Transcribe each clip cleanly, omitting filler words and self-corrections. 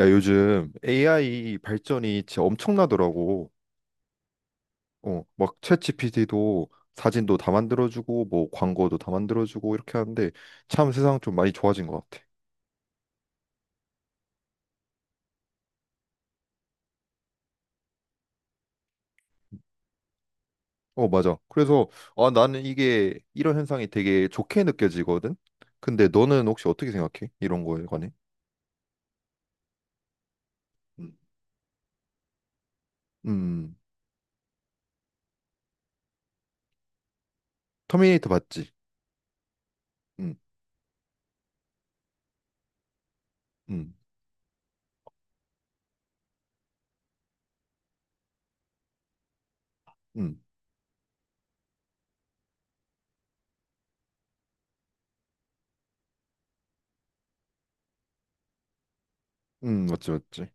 야, 요즘 AI 발전이 진짜 엄청나더라고. 어, 막 챗GPT도 사진도 다 만들어주고, 뭐 광고도 다 만들어주고 이렇게 하는데 참 세상 좀 많이 좋아진 것 같아. 어, 맞아. 그래서 아, 나는 이게 이런 현상이 되게 좋게 느껴지거든. 근데 너는 혹시 어떻게 생각해? 이런 거에 관해? 음. 음. 터미네이터 봤지? 음. 음. 음. 음. 맞지, 맞지.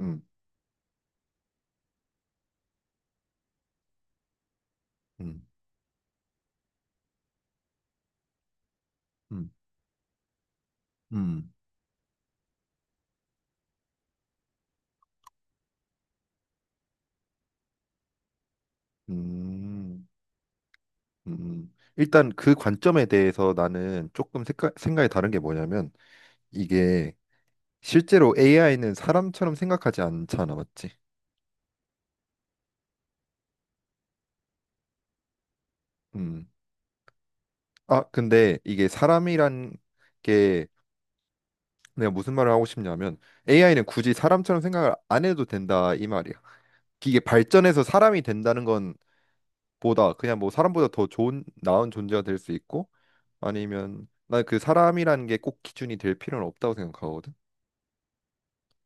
음. 음. 음. 음. 음. 음. 일단 그 관점에 대해서 나는 조금 생각이 다른 게 뭐냐면 이게 실제로 AI는 사람처럼 생각하지 않잖아, 맞지? 음. 아, 근데 이게 사람이란 게 내가 무슨 말을 하고 싶냐면 AI는 굳이 사람처럼 생각을 안 해도 된다 이 말이야. 이게 발전해서 사람이 된다는 건 보다 그냥 뭐 사람보다 더 좋은 나은 존재가 될 수 있고 아니면 난 그 사람이라는 게 꼭 기준이 될 필요는 없다고 생각하거든.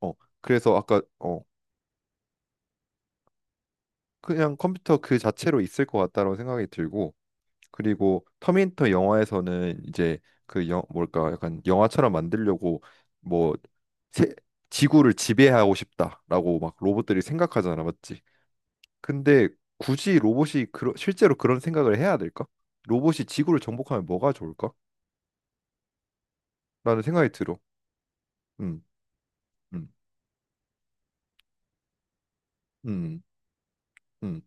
어, 그래서 아까 어, 그냥 컴퓨터 그 자체로 있을 것 같다라고 생각이 들고 그리고 터미네이터 영화에서는 이제 그 뭘까 약간 영화처럼 만들려고 뭐 세, 지구를 지배하고 싶다라고 막 로봇들이 생각하잖아 맞지? 근데 굳이 로봇이 실제로 그런 생각을 해야 될까? 로봇이 지구를 정복하면 뭐가 좋을까? 라는 생각이 들어. 음. 음. 음. 음.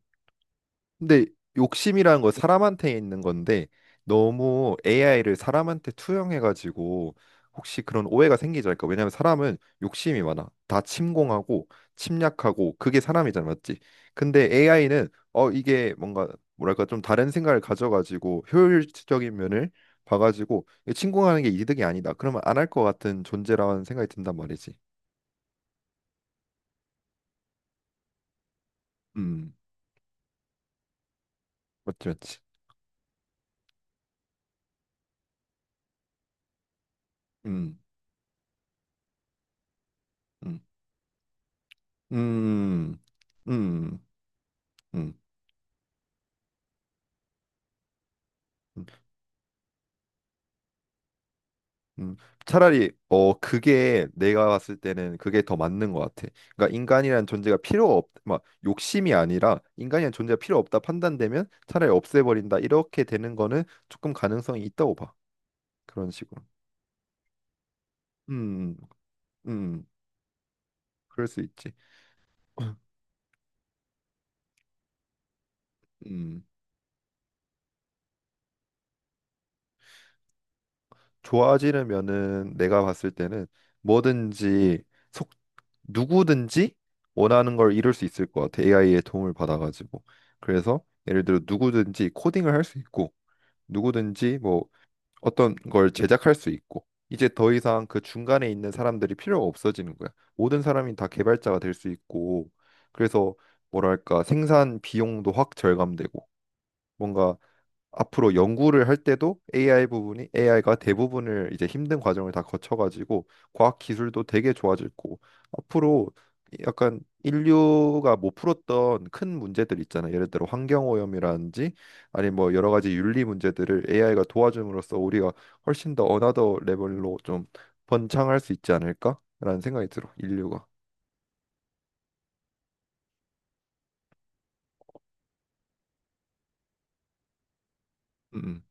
근데 욕심이라는 건 사람한테 있는 건데 너무 AI를 사람한테 투영해가지고 혹시 그런 오해가 생기지 않을까? 왜냐하면 사람은 욕심이 많아. 다 침공하고 침략하고 그게 사람이잖아, 맞지? 근데 AI는 어 이게 뭔가 뭐랄까 좀 다른 생각을 가져가지고 효율적인 면을 봐가지고 침공하는 게 이득이 아니다. 그러면 안 할 것 같은 존재라는 생각이 든단 말이지. 음, 맞지, 맞지. 음. 음. 음. 음. 음. 음. 음. 차라리 어 그게 내가 봤을 때는 그게 더 맞는 것 같아. 그러니까 인간이란 존재가 필요 없, 막 욕심이 아니라 인간이란 존재가 필요 없다 판단되면 차라리 없애버린다 이렇게 되는 거는 조금 가능성이 있다고 봐. 그런 식으로. 음. 음. 음. 그럴 수 있지. 음. 좋아지려면은 내가 봤을 때는 뭐든지 속 누구든지 원하는 걸 이룰 수 있을 것 같아. AI의 도움을 받아가지고. 그래서 예를 들어 누구든지 코딩을 할 수 있고. 누구든지 뭐 어떤 걸 제작할 수 있고 이제 더 이상 그 중간에 있는 사람들이 필요가 없어지는 거야. 모든 사람이 다 개발자가 될 수 있고 그래서 뭐랄까 생산 비용도 확 절감되고 뭔가 앞으로 연구를 할 때도 AI 부분이 AI가 대부분을 이제 힘든 과정을 다 거쳐가지고 과학 기술도 되게 좋아질 거고 앞으로 약간 인류가 못 풀었던 큰 문제들 있잖아요. 예를 들어 환경오염이라든지 아니 뭐 여러 가지 윤리 문제들을 AI가 도와줌으로써 우리가 훨씬 더 어나더 레벨로 좀 번창할 수 있지 않을까라는 생각이 들어. 인류가. 음.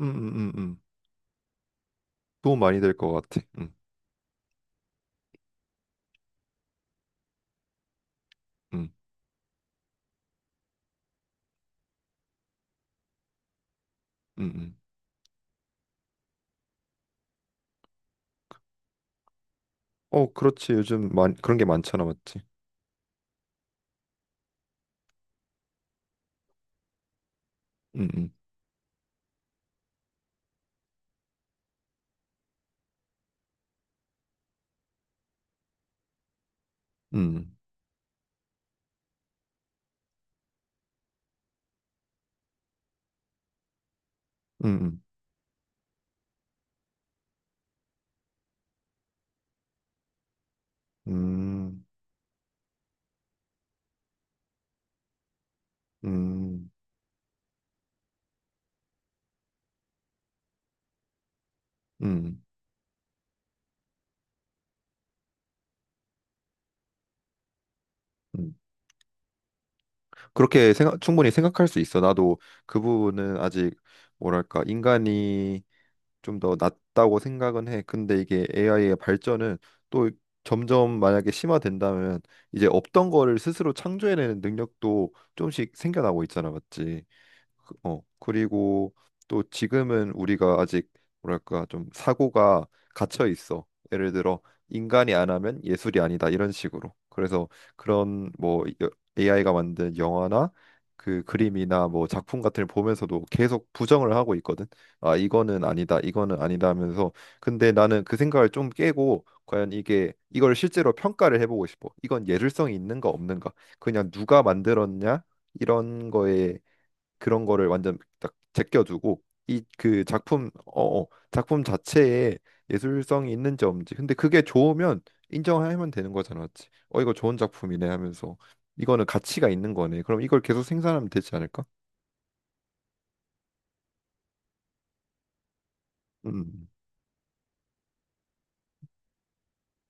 음. 음. 음. 음. 음. 도움 많이 될 것 같아. 음. 음. 음. 음. 어, 그렇지. 요즘 많, 그런 게 많잖아, 맞지? 음. 음. 음. 음. 음. 음. 음. 음. 음. 그렇게 생각, 충분히 생각할 수 있어. 나도 그 부분은 아직 뭐랄까 인간이 좀 더 낫다고 생각은 해. 근데 이게 AI의 발전은 또 점점 만약에 심화된다면 이제 없던 거를 스스로 창조해내는 능력도 조금씩 생겨나고 있잖아, 맞지? 어, 그리고 또 지금은 우리가 아직 뭐랄까 좀 사고가 갇혀 있어. 예를 들어 인간이 안 하면 예술이 아니다 이런 식으로. 그래서 그런 뭐 AI가 만든 영화나 그 그림이나 뭐 작품 같은 걸 보면서도 계속 부정을 하고 있거든. 아, 이거는 아니다. 이거는 아니다 하면서 근데 나는 그 생각을 좀 깨고 과연 이게 이걸 실제로 평가를 해보고 싶어. 이건 예술성이 있는가 없는가. 그냥 누가 만들었냐? 이런 거에 그런 거를 완전 딱 제껴두고 이 그 작품 어, 어 작품 자체에 예술성이 있는지 없는지 근데 그게 좋으면 인정하면 되는 거잖아 맞지? 어 이거 좋은 작품이네 하면서 이거는 가치가 있는 거네 그럼 이걸 계속 생산하면 되지 않을까? 음.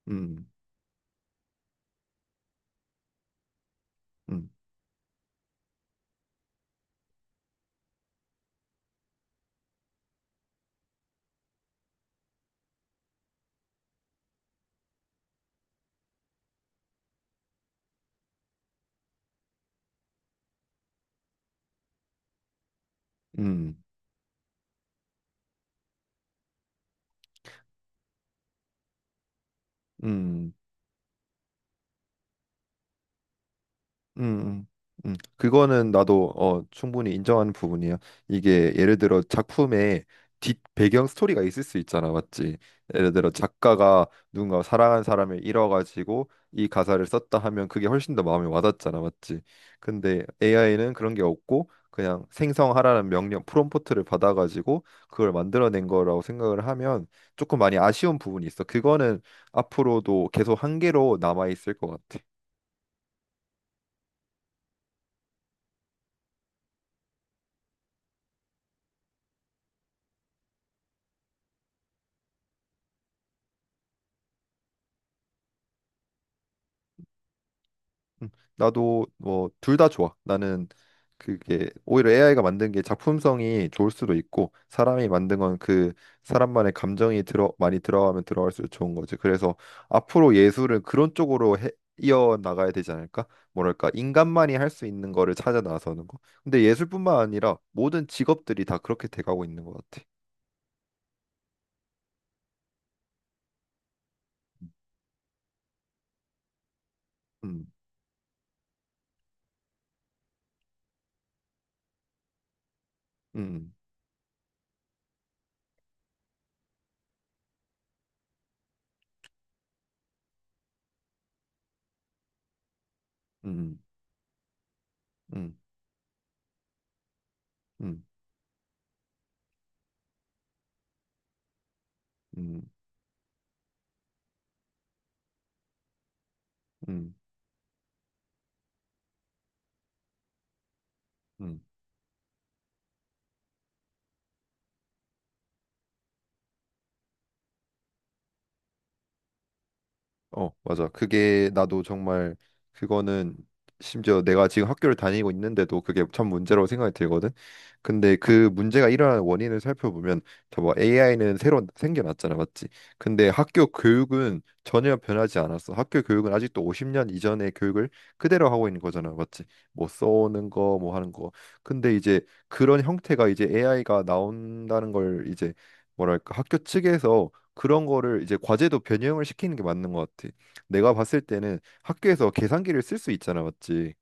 음. 음. 음. 음. 음. 음. 음. 그거는 나도 어, 충분히 인정하는 부분이야. 이게 예를 들어 작품에 뒷 배경 스토리가 있을 수 있잖아, 맞지? 예를 들어 작가가 누군가 사랑한 사람을 잃어가지고 이 가사를 썼다 하면 그게 훨씬 더 마음에 와닿잖아, 맞지? 근데 AI는 그런 게 없고 그냥 생성하라는 명령 프롬프트를 받아가지고 그걸 만들어낸 거라고 생각을 하면 조금 많이 아쉬운 부분이 있어. 그거는 앞으로도 계속 한계로 남아 있을 것 같아. 음. 나도 뭐 둘 다 좋아. 나는 그게 오히려 AI가 만든 게 작품성이 좋을 수도 있고 사람이 만든 건 그 사람만의 감정이 들어 많이 들어가면 들어갈수록 좋은 거지. 그래서 앞으로 예술은 그런 쪽으로 해, 이어 나가야 되지 않을까? 뭐랄까 인간만이 할 수 있는 거를 찾아 나서는 거. 근데 예술뿐만 아니라 모든 직업들이 다 그렇게 돼가고 있는 것 같아. 음. 음. 음. 음. 음. 음. 음. 음. 어, 맞아. 그게 나도 정말 그거는 심지어 내가 지금 학교를 다니고 있는데도 그게 참 문제라고 생각이 들거든. 근데 그 문제가 일어나는 원인을 살펴보면 저뭐 AI는 새로 생겨났잖아, 맞지? 근데 학교 교육은 전혀 변하지 않았어. 학교 교육은 아직도 50년 이전의 교육을 그대로 하고 있는 거잖아, 맞지? 뭐 써오는 거, 뭐 하는 거. 근데 이제 그런 형태가 이제 AI가 나온다는 걸 이제 뭐랄까 학교 측에서 그런 거를 이제 과제도 변형을 시키는 게 맞는 것 같아. 내가 봤을 때는 학교에서 계산기를 쓸 수 있잖아, 맞지?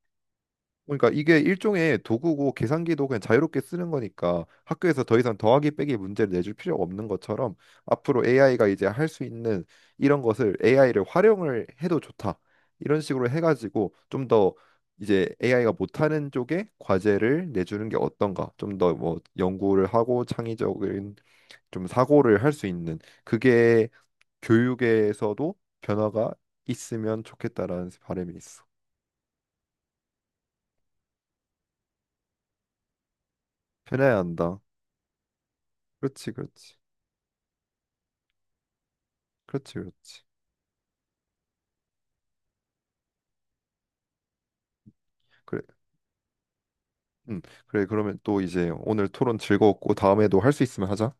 그러니까 이게 일종의 도구고 계산기도 그냥 자유롭게 쓰는 거니까 학교에서 더 이상 더하기 빼기 문제를 내줄 필요가 없는 것처럼 앞으로 AI가 이제 할 수 있는 이런 것을 AI를 활용을 해도 좋다. 이런 식으로 해가지고 좀 더 이제 AI가 못하는 쪽에 과제를 내주는 게 어떤가? 좀 더 뭐 연구를 하고 창의적인 좀 사고를 할 수 있는 그게 교육에서도 변화가 있으면 좋겠다라는 바람이 있어. 변해야 한다. 그렇지, 그렇지, 그렇지, 그렇지. 그래, 음, 그래. 그러면 또 이제 오늘 토론 즐거웠고 다음에도 할 수 있으면 하자.